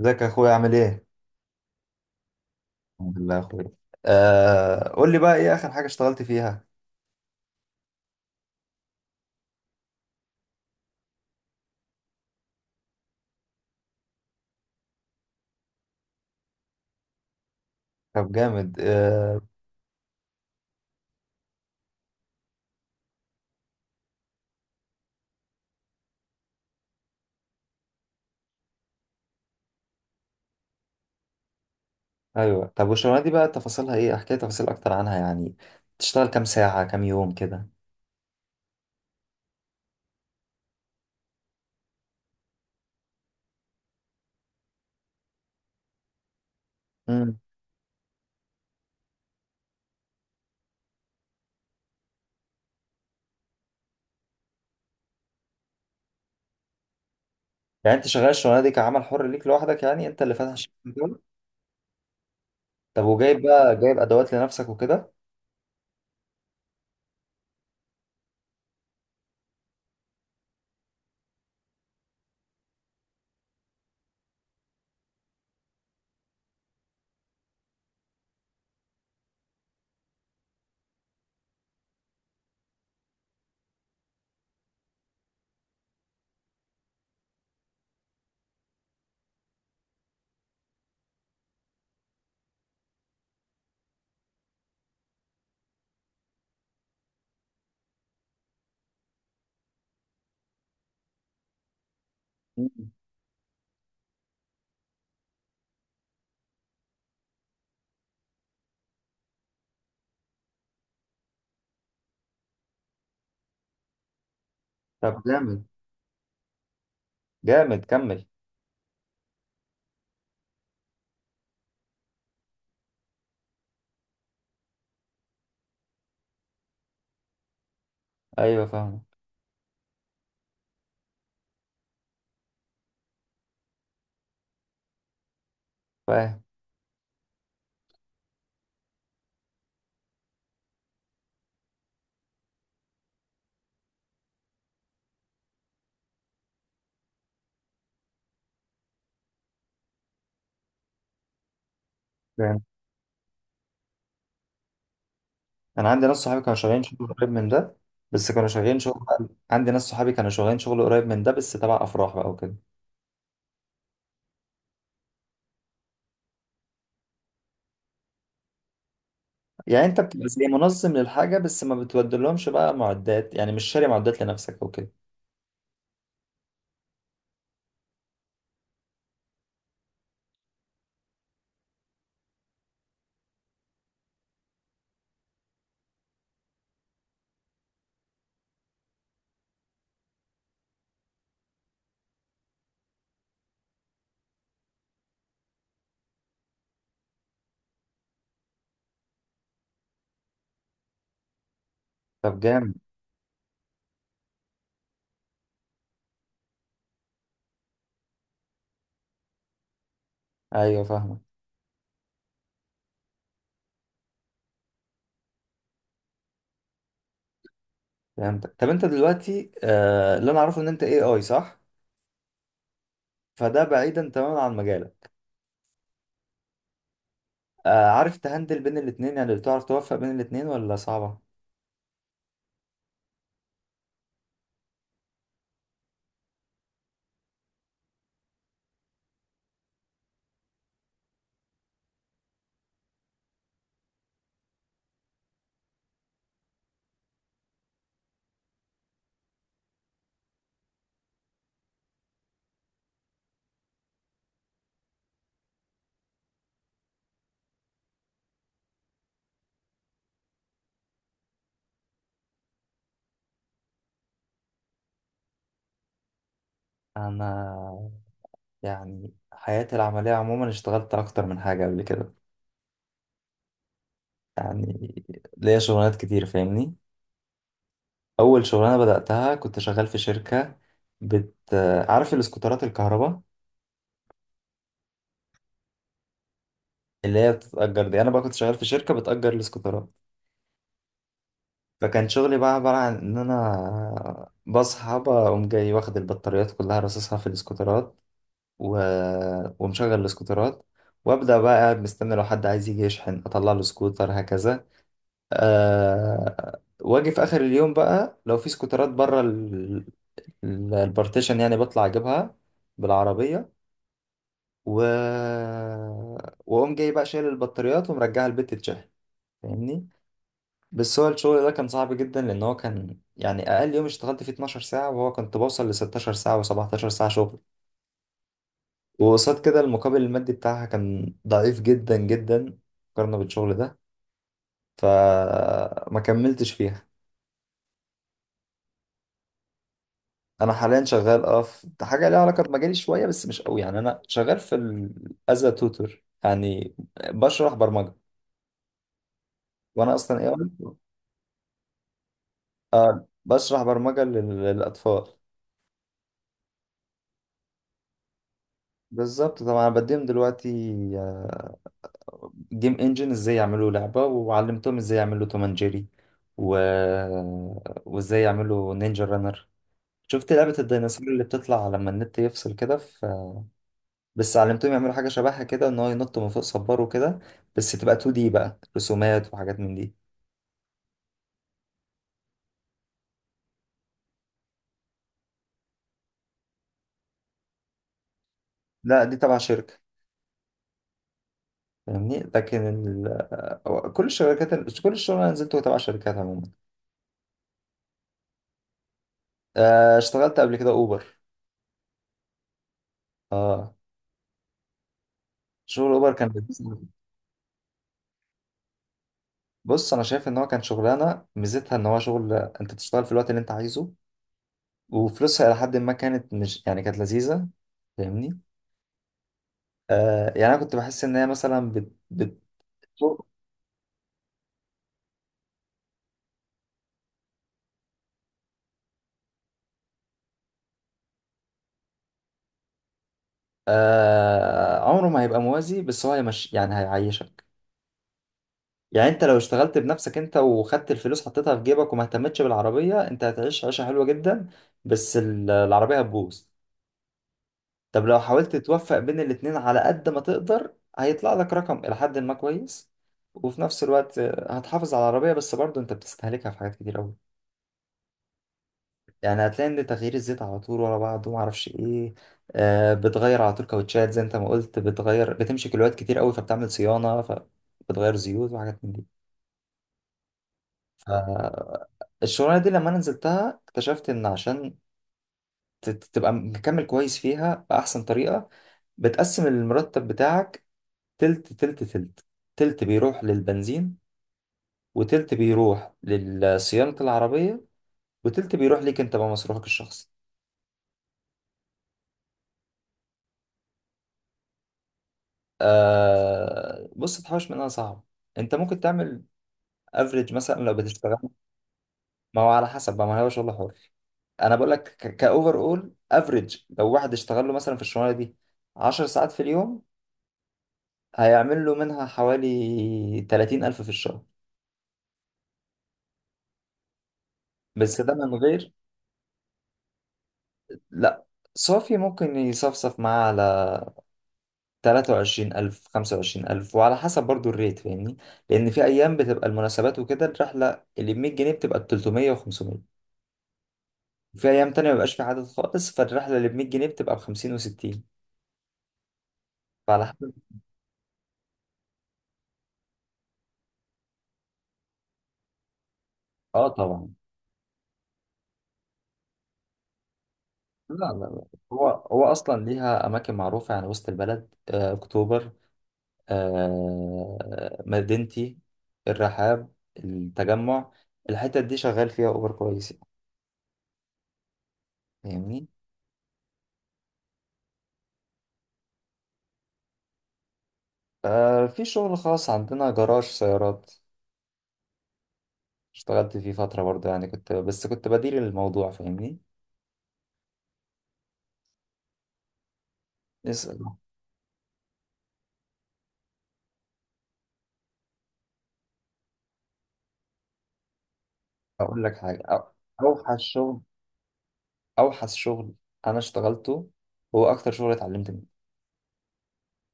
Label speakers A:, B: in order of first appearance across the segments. A: ازيك يا اخويا عامل ايه؟ الحمد لله يا اخويا. آه، قول لي بقى ايه اخر حاجة اشتغلت فيها؟ طب جامد. آه، ايوه، طب والشغلانة دي بقى تفاصيلها ايه؟ احكي لي تفاصيل اكتر عنها يعني، بتشتغل كام ساعة كام يوم كده؟ امم. يعني انت شغال الشغلانة دي كعمل حر ليك لوحدك، يعني انت اللي فاتح الشغل. طب وجايب بقى، جايب ادوات لنفسك وكده؟ مم. طب جامد. جامد، كمل. ايوه فاهم. فاهم، انا عندي ناس صحابي كانوا شغالين شغل قريب من ده بس كانوا شغالين شغل. عندي ناس صحابي كانوا شغالين شغل قريب من ده، بس تبع افراح بقى وكده. يعني انت بتبقى زي منظم للحاجه، بس ما بتودلهمش بقى معدات، يعني مش شاري معدات لنفسك او كده؟ طب جامد. ايوه فاهمك. فهمتك. طب انت دلوقتي، آه، اللي انا اعرفه ان انت اي اي، صح؟ فده بعيدا تماما عن مجالك. آه، عارف تهندل بين الاتنين؟ يعني بتعرف توفق بين الاتنين ولا صعبه؟ انا، يعني حياتي العمليه عموما اشتغلت اكتر من حاجه قبل كده. يعني ليا شغلانات كتير، فاهمني. اول شغلانه بداتها كنت شغال في شركه بت عارف الاسكوترات الكهرباء اللي هي بتتأجر دي؟ انا بقى كنت شغال في شركه بتأجر الاسكوترات. فكان شغلي بقى عباره عن ان انا بصحى بقوم جاي واخد البطاريات كلها راصصها في الاسكوترات، و... ومشغل الاسكوترات، وابدا بقى قاعد مستني لو حد عايز يجي يشحن اطلع له سكوتر هكذا. واجي في اخر اليوم بقى لو في سكوترات بره البارتيشن، يعني بطلع اجيبها بالعربية، و واقوم جاي بقى شايل البطاريات ومرجعها البيت تتشحن، فاهمني. بس هو الشغل ده كان صعب جدا، لان هو كان يعني اقل يوم اشتغلت فيه 12 ساعة، وهو كنت بوصل ل 16 ساعة و17 ساعة شغل. وقصاد كده المقابل المادي بتاعها كان ضعيف جدا جدا، مقارنة بالشغل ده، فما كملتش فيها. انا حاليا شغال، اه، في حاجه ليها علاقه بمجالي شويه بس مش قوي. يعني انا شغال في ال as a tutor، يعني بشرح برمجه، وانا اصلا ايه، اه، بشرح برمجه للاطفال بالظبط. طبعا انا بديهم دلوقتي جيم انجن ازاي يعملوا لعبه، وعلمتهم ازاي يعملوا توم اند جيري، و... وازاي يعملوا نينجا رانر. شفت لعبه الديناصور اللي بتطلع لما النت يفصل كده؟ بس علمتهم يعملوا حاجة شبهها كده، ان هو ينط من فوق صبار وكده. بس تبقى 2 دي بقى رسومات وحاجات من دي. لا دي تبع شركة، فاهمني. لكن كل الشركات، كل الشغل انا نزلته تبع شركات عموما. آه، اشتغلت قبل كده اوبر. اه، شغل اوبر كان لذيذ أوي. بص، انا شايف ان هو كان شغلانة ميزتها ان هو شغل انت بتشتغل في الوقت اللي انت عايزه، وفلوسها الى حد ما كانت، مش يعني، كانت لذيذة، فاهمني. آه يعني انا كنت بحس ان هي مثلا بت... آه عمره ما هيبقى موازي، بس هو هيمش يعني هيعيشك. يعني انت لو اشتغلت بنفسك انت وخدت الفلوس حطيتها في جيبك وما اهتمتش بالعربية، انت هتعيش عيشة حلوة جدا، بس العربية هتبوظ. طب لو حاولت توفق بين الاتنين على قد ما تقدر، هيطلع لك رقم إلى حد ما كويس، وفي نفس الوقت آه، هتحافظ على العربية، بس برضه انت بتستهلكها في حاجات كتير أوي. يعني هتلاقي ان تغيير الزيت على طول ورا بعض وما اعرفش ايه. آه بتغير على طول كاوتشات، زي انت ما قلت، بتغير بتمشي كيلوات كتير قوي، فبتعمل صيانه فبتغير زيوت وحاجات من دي. فالشغلانه دي لما انا نزلتها اكتشفت ان عشان تبقى مكمل كويس فيها باحسن طريقه، بتقسم المرتب بتاعك تلت تلت تلت. تلت بيروح للبنزين، وتلت بيروح لصيانه العربيه، وتلت بيروح ليك انت بقى مصروفك الشخصي. آه بص، تحوش منها صعب. انت ممكن تعمل افريج مثلا لو بتشتغل. ما هو على حسب بقى، ما هو شغل حر. انا بقول لك كاوفر اول افريج، لو واحد اشتغل له مثلا في الشغلانه دي 10 ساعات في اليوم، هيعمل له منها حوالي 30 الف في الشهر. بس ده من غير، لا، صافي ممكن يصفصف معاه على 23 الف 25 الف، وعلى حسب برضو الريت، فاهمني. لان في ايام بتبقى المناسبات وكده الرحله اللي ب 100 جنيه بتبقى ب 300 و500. في ايام تانية مبيبقاش في عدد خالص، فالرحلة اللي ب 100 جنيه بتبقى ب 50 و60، فعلى حسب. اه طبعا. لا، لا، لا. هو هو اصلا ليها اماكن معروفة، يعني وسط البلد، آه، اكتوبر، آه، مدينتي، الرحاب، التجمع. الحتت دي شغال فيها اوبر كويس، يعني، فاهمني. آه، في شغل خاص عندنا جراج سيارات. اشتغلت فيه فترة برضه، يعني كنت، بس كنت بدير الموضوع، فاهمني. اسأل. اقول لك حاجة اوحش شغل، اوحش شغل انا اشتغلته، هو اكتر شغل اتعلمت منه.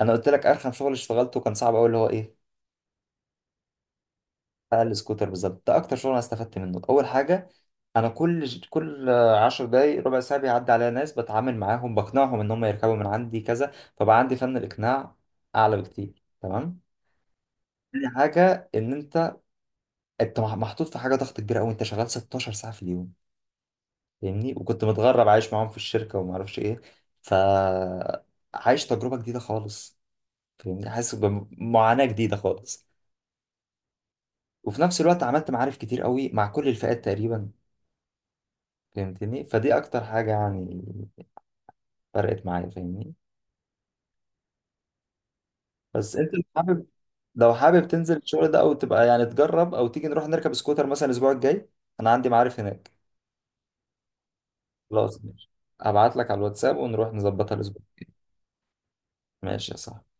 A: انا قلت لك ارخم شغل اشتغلته كان صعب قوي، اللي هو ايه؟ بتاع السكوتر بالظبط. ده اكتر شغل انا استفدت منه. اول حاجه، انا كل عشر دقايق ربع ساعه بيعدي عليا ناس، بتعامل معاهم بقنعهم ان هم يركبوا من عندي كذا، فبقى عندي فن الاقناع اعلى بكتير، تمام. تاني حاجه ان انت محطوط في حاجه ضغط كبيره قوي، انت شغال 16 ساعه في اليوم، فاهمني، وكنت متغرب عايش معاهم في الشركه وما اعرفش ايه، ف عايش تجربة جديدة خالص، فاهمني، حاسس بمعاناة جديدة خالص. وفي نفس الوقت عملت معارف كتير قوي مع كل الفئات تقريبا. فهمتني، فدي أكتر حاجة يعني فرقت معايا، فاهمني. بس أنت لو حابب تنزل الشغل ده أو تبقى يعني تجرب، أو تيجي نروح نركب سكوتر مثلا الأسبوع الجاي. أنا عندي معارف هناك. خلاص ماشي، هبعت لك على الواتساب ونروح نظبطها الأسبوع. ماشي يا صاحبي.